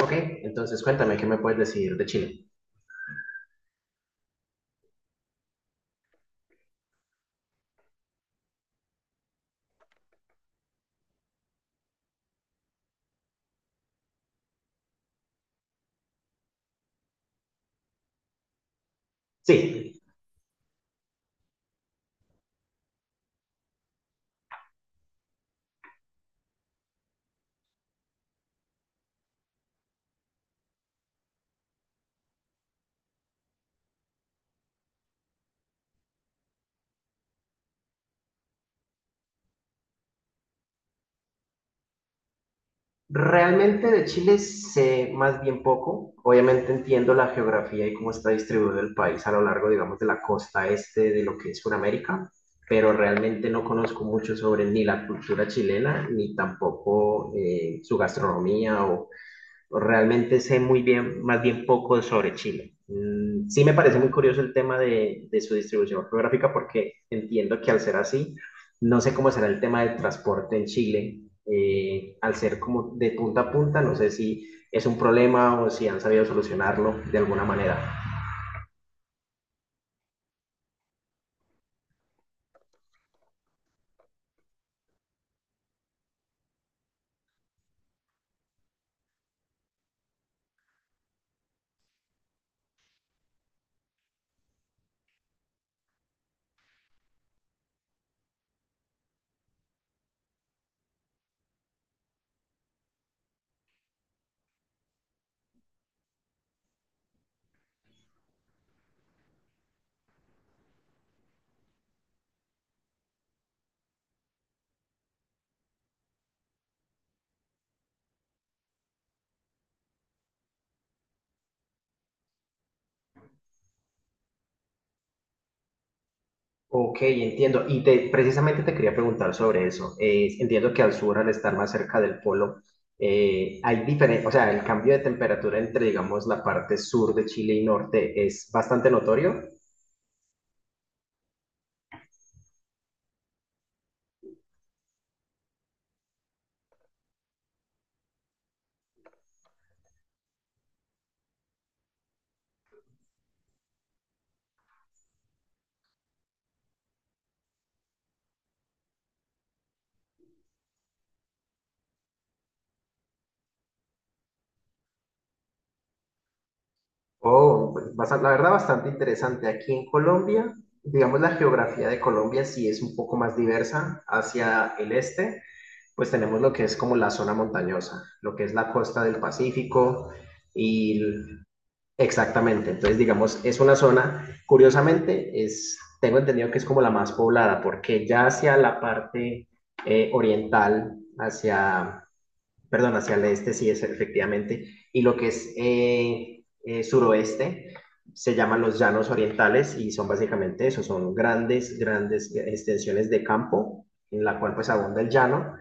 Ok, entonces cuéntame, ¿qué me puedes decir de Chile? Sí, realmente de Chile sé más bien poco. Obviamente entiendo la geografía y cómo está distribuido el país a lo largo, digamos, de la costa este de lo que es Sudamérica, pero realmente no conozco mucho sobre ni la cultura chilena, ni tampoco su gastronomía o realmente sé muy bien, más bien poco sobre Chile. Sí me parece muy curioso el tema de su distribución geográfica porque entiendo que al ser así, no sé cómo será el tema del transporte en Chile, al ser como de punta a punta, no sé si es un problema o si han sabido solucionarlo de alguna manera. Ok, entiendo. Precisamente te quería preguntar sobre eso. Entiendo que al sur, al estar más cerca del polo, hay diferencia, o sea, el cambio de temperatura entre, digamos, la parte sur de Chile y norte es bastante notorio. La verdad, bastante interesante. Aquí en Colombia, digamos, la geografía de Colombia sí es un poco más diversa. Hacia el este, pues tenemos lo que es como la zona montañosa, lo que es la costa del Pacífico y exactamente, entonces digamos, es una zona, curiosamente, es, tengo entendido que es como la más poblada, porque ya hacia la parte oriental, hacia perdón, hacia el este sí es efectivamente, y lo que es suroeste se llaman los llanos orientales y son básicamente eso, son grandes, grandes extensiones de campo en la cual pues abunda el llano.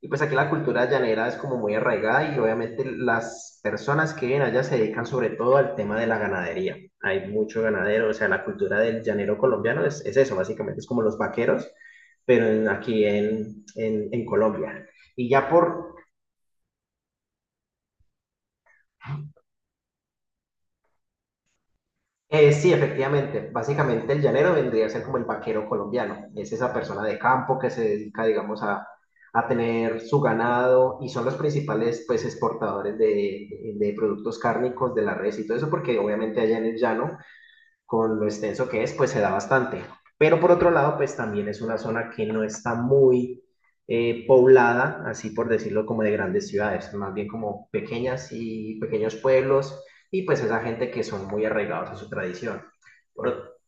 Y pues aquí la cultura llanera es como muy arraigada y obviamente las personas que viven allá se dedican sobre todo al tema de la ganadería. Hay mucho ganadero, o sea, la cultura del llanero colombiano es eso, básicamente es como los vaqueros, pero aquí en Colombia. Y ya por sí, efectivamente. Básicamente el llanero vendría a ser como el vaquero colombiano. Es esa persona de campo que se dedica, digamos, a tener su ganado y son los principales, pues, exportadores de productos cárnicos de la res y todo eso, porque obviamente allá en el llano con lo extenso que es, pues se da bastante. Pero por otro lado, pues también es una zona que no está muy poblada, así por decirlo, como de grandes ciudades, más bien como pequeñas y pequeños pueblos, y pues esa gente que son muy arraigados a su tradición. Por,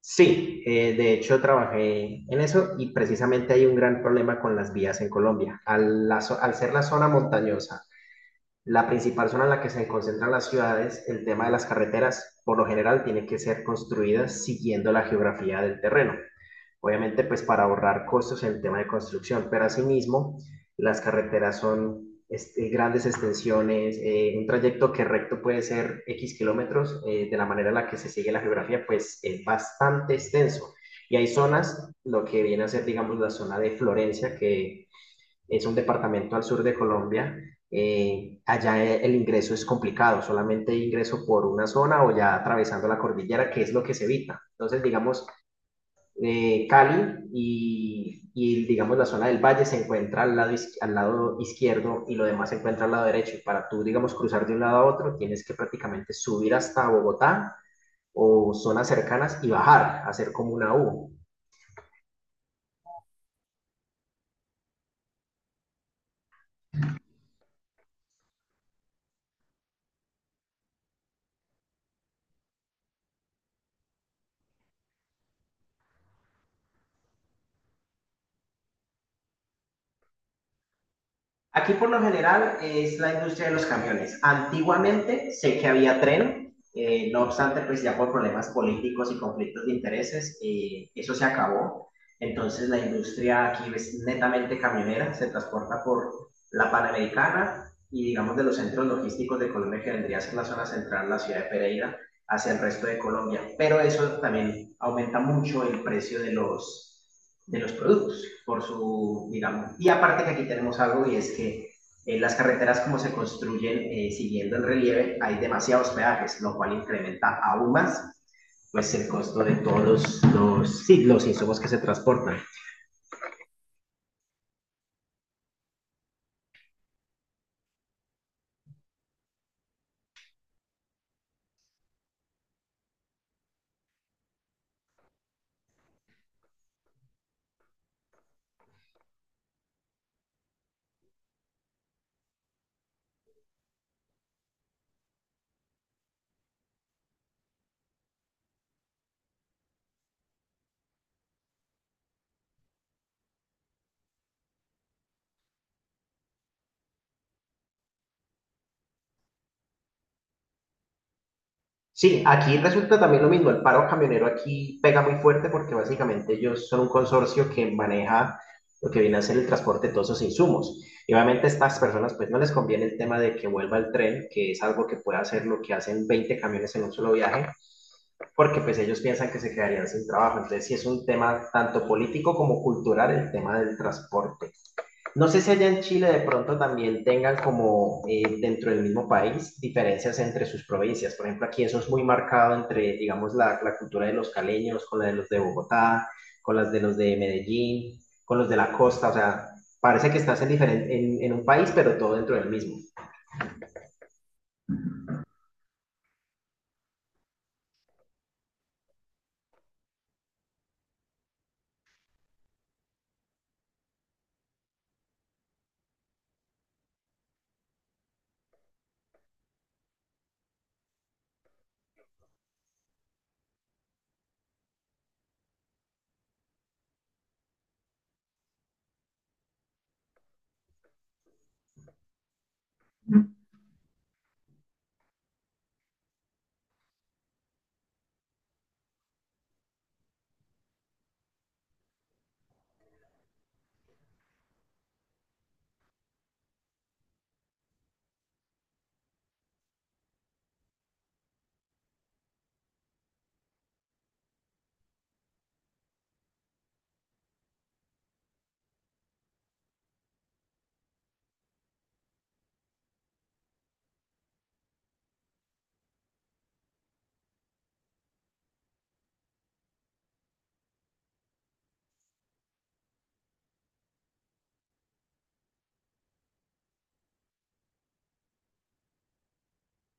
sí, de hecho trabajé en eso y precisamente hay un gran problema con las vías en Colombia. Al ser la zona montañosa la principal zona en la que se concentran las ciudades, el tema de las carreteras, por lo general, tienen que ser construidas siguiendo la geografía del terreno. Obviamente, pues para ahorrar costos en el tema de construcción, pero asimismo, las carreteras son este, grandes extensiones, un trayecto que recto puede ser X kilómetros, de la manera en la que se sigue la geografía, pues es bastante extenso. Y hay zonas, lo que viene a ser, digamos, la zona de Florencia, que es un departamento al sur de Colombia. Allá el ingreso es complicado, solamente ingreso por una zona o ya atravesando la cordillera, que es lo que se evita. Entonces, digamos, Cali y, digamos, la zona del valle se encuentra al lado izquierdo y lo demás se encuentra al lado derecho. Y para tú, digamos, cruzar de un lado a otro, tienes que prácticamente subir hasta Bogotá o zonas cercanas y bajar, hacer como una U. Aquí por lo general es la industria de los camiones. Antiguamente sé que había tren, no obstante, pues ya por problemas políticos y conflictos de intereses, eso se acabó. Entonces la industria aquí es netamente camionera, se transporta por la Panamericana y digamos de los centros logísticos de Colombia que vendría a ser la zona central, la ciudad de Pereira, hacia el resto de Colombia. Pero eso también aumenta mucho el precio de los productos, por su, digamos. Y aparte que aquí tenemos algo y es que las carreteras como se construyen siguiendo el relieve, hay demasiados peajes, lo cual incrementa aún más pues el costo de todos los, sí, los insumos que se transportan. Sí, aquí resulta también lo mismo. El paro camionero aquí pega muy fuerte porque básicamente ellos son un consorcio que maneja lo que viene a ser el transporte de todos esos insumos. Y obviamente a estas personas pues no les conviene el tema de que vuelva el tren, que es algo que puede hacer lo que hacen 20 camiones en un solo viaje, porque pues ellos piensan que se quedarían sin trabajo. Entonces sí es un tema tanto político como cultural el tema del transporte. No sé si allá en Chile de pronto también tengan como dentro del mismo país diferencias entre sus provincias. Por ejemplo, aquí eso es muy marcado entre, digamos, la cultura de los caleños con la de los de Bogotá, con las de los de Medellín, con los de la costa. O sea, parece que estás diferen- en un país, pero todo dentro del mismo.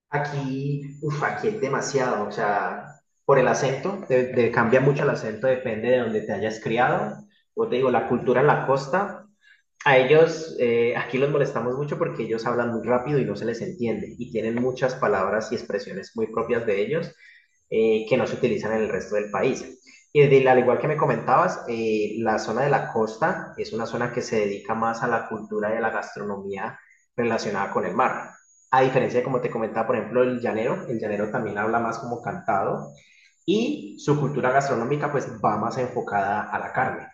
Aquí, uf, aquí es demasiado, o sea, por el acento, cambia mucho el acento, depende de donde te hayas criado. Yo te digo, la cultura en la costa a ellos, aquí los molestamos mucho porque ellos hablan muy rápido y no se les entiende y tienen muchas palabras y expresiones muy propias de ellos que no se utilizan en el resto del país. Al igual que me comentabas, la zona de la costa es una zona que se dedica más a la cultura y a la gastronomía relacionada con el mar. A diferencia de como te comentaba, por ejemplo, el llanero también habla más como cantado y su cultura gastronómica pues va más enfocada a la carne.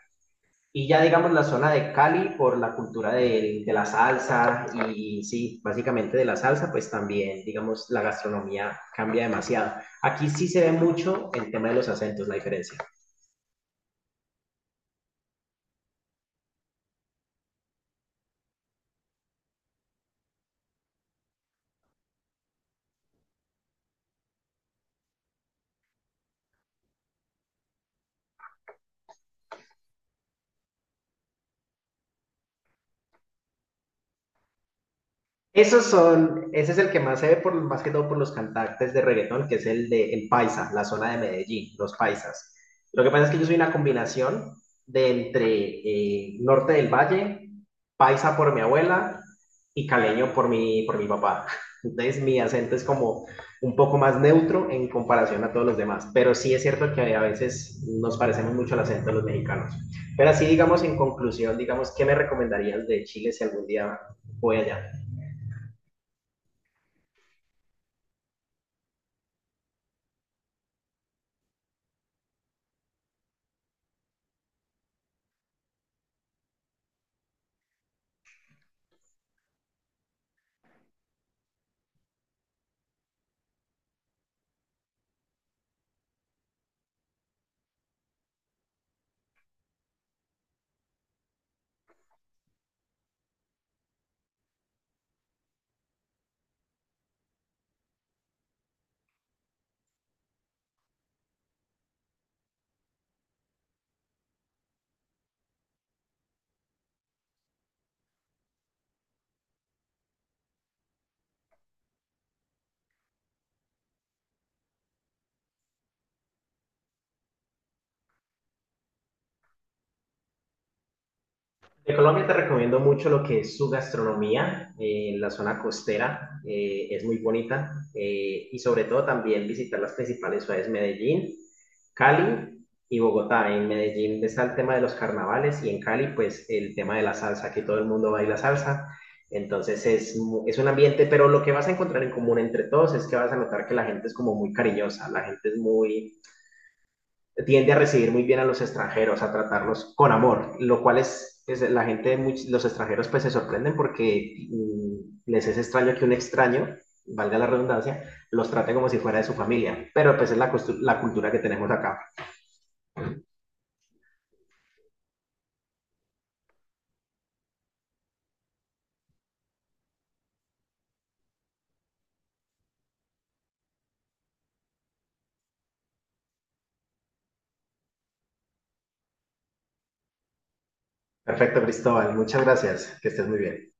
Y ya digamos la zona de Cali por la cultura de la salsa y sí, básicamente de la salsa, pues también digamos la gastronomía cambia demasiado. Aquí sí se ve mucho el tema de los acentos, la diferencia. Esos son, ese es el que más se ve por, más que todo por los cantantes de reggaetón, que es el de el Paisa, la zona de Medellín, los paisas. Lo que pasa es que yo soy una combinación de entre Norte del Valle, Paisa por mi abuela y caleño por mi papá. Entonces mi acento es como un poco más neutro en comparación a todos los demás, pero sí es cierto que a veces nos parecemos mucho al acento de los mexicanos. Pero así digamos en conclusión, digamos, ¿qué me recomendarías de Chile si algún día voy allá? De Colombia te recomiendo mucho lo que es su gastronomía, la zona costera es muy bonita y sobre todo también visitar las principales ciudades, Medellín, Cali y Bogotá. En Medellín está el tema de los carnavales y en Cali pues el tema de la salsa, que todo el mundo baila salsa. Entonces es, mu- es un ambiente, pero lo que vas a encontrar en común entre todos es que vas a notar que la gente es como muy cariñosa, la gente es muy tiende a recibir muy bien a los extranjeros, a tratarlos con amor, lo cual es la gente, muy, los extranjeros pues se sorprenden porque les es extraño que un extraño, valga la redundancia, los trate como si fuera de su familia, pero pues es la, la cultura que tenemos acá. Perfecto, Cristóbal, muchas gracias, que estés muy bien.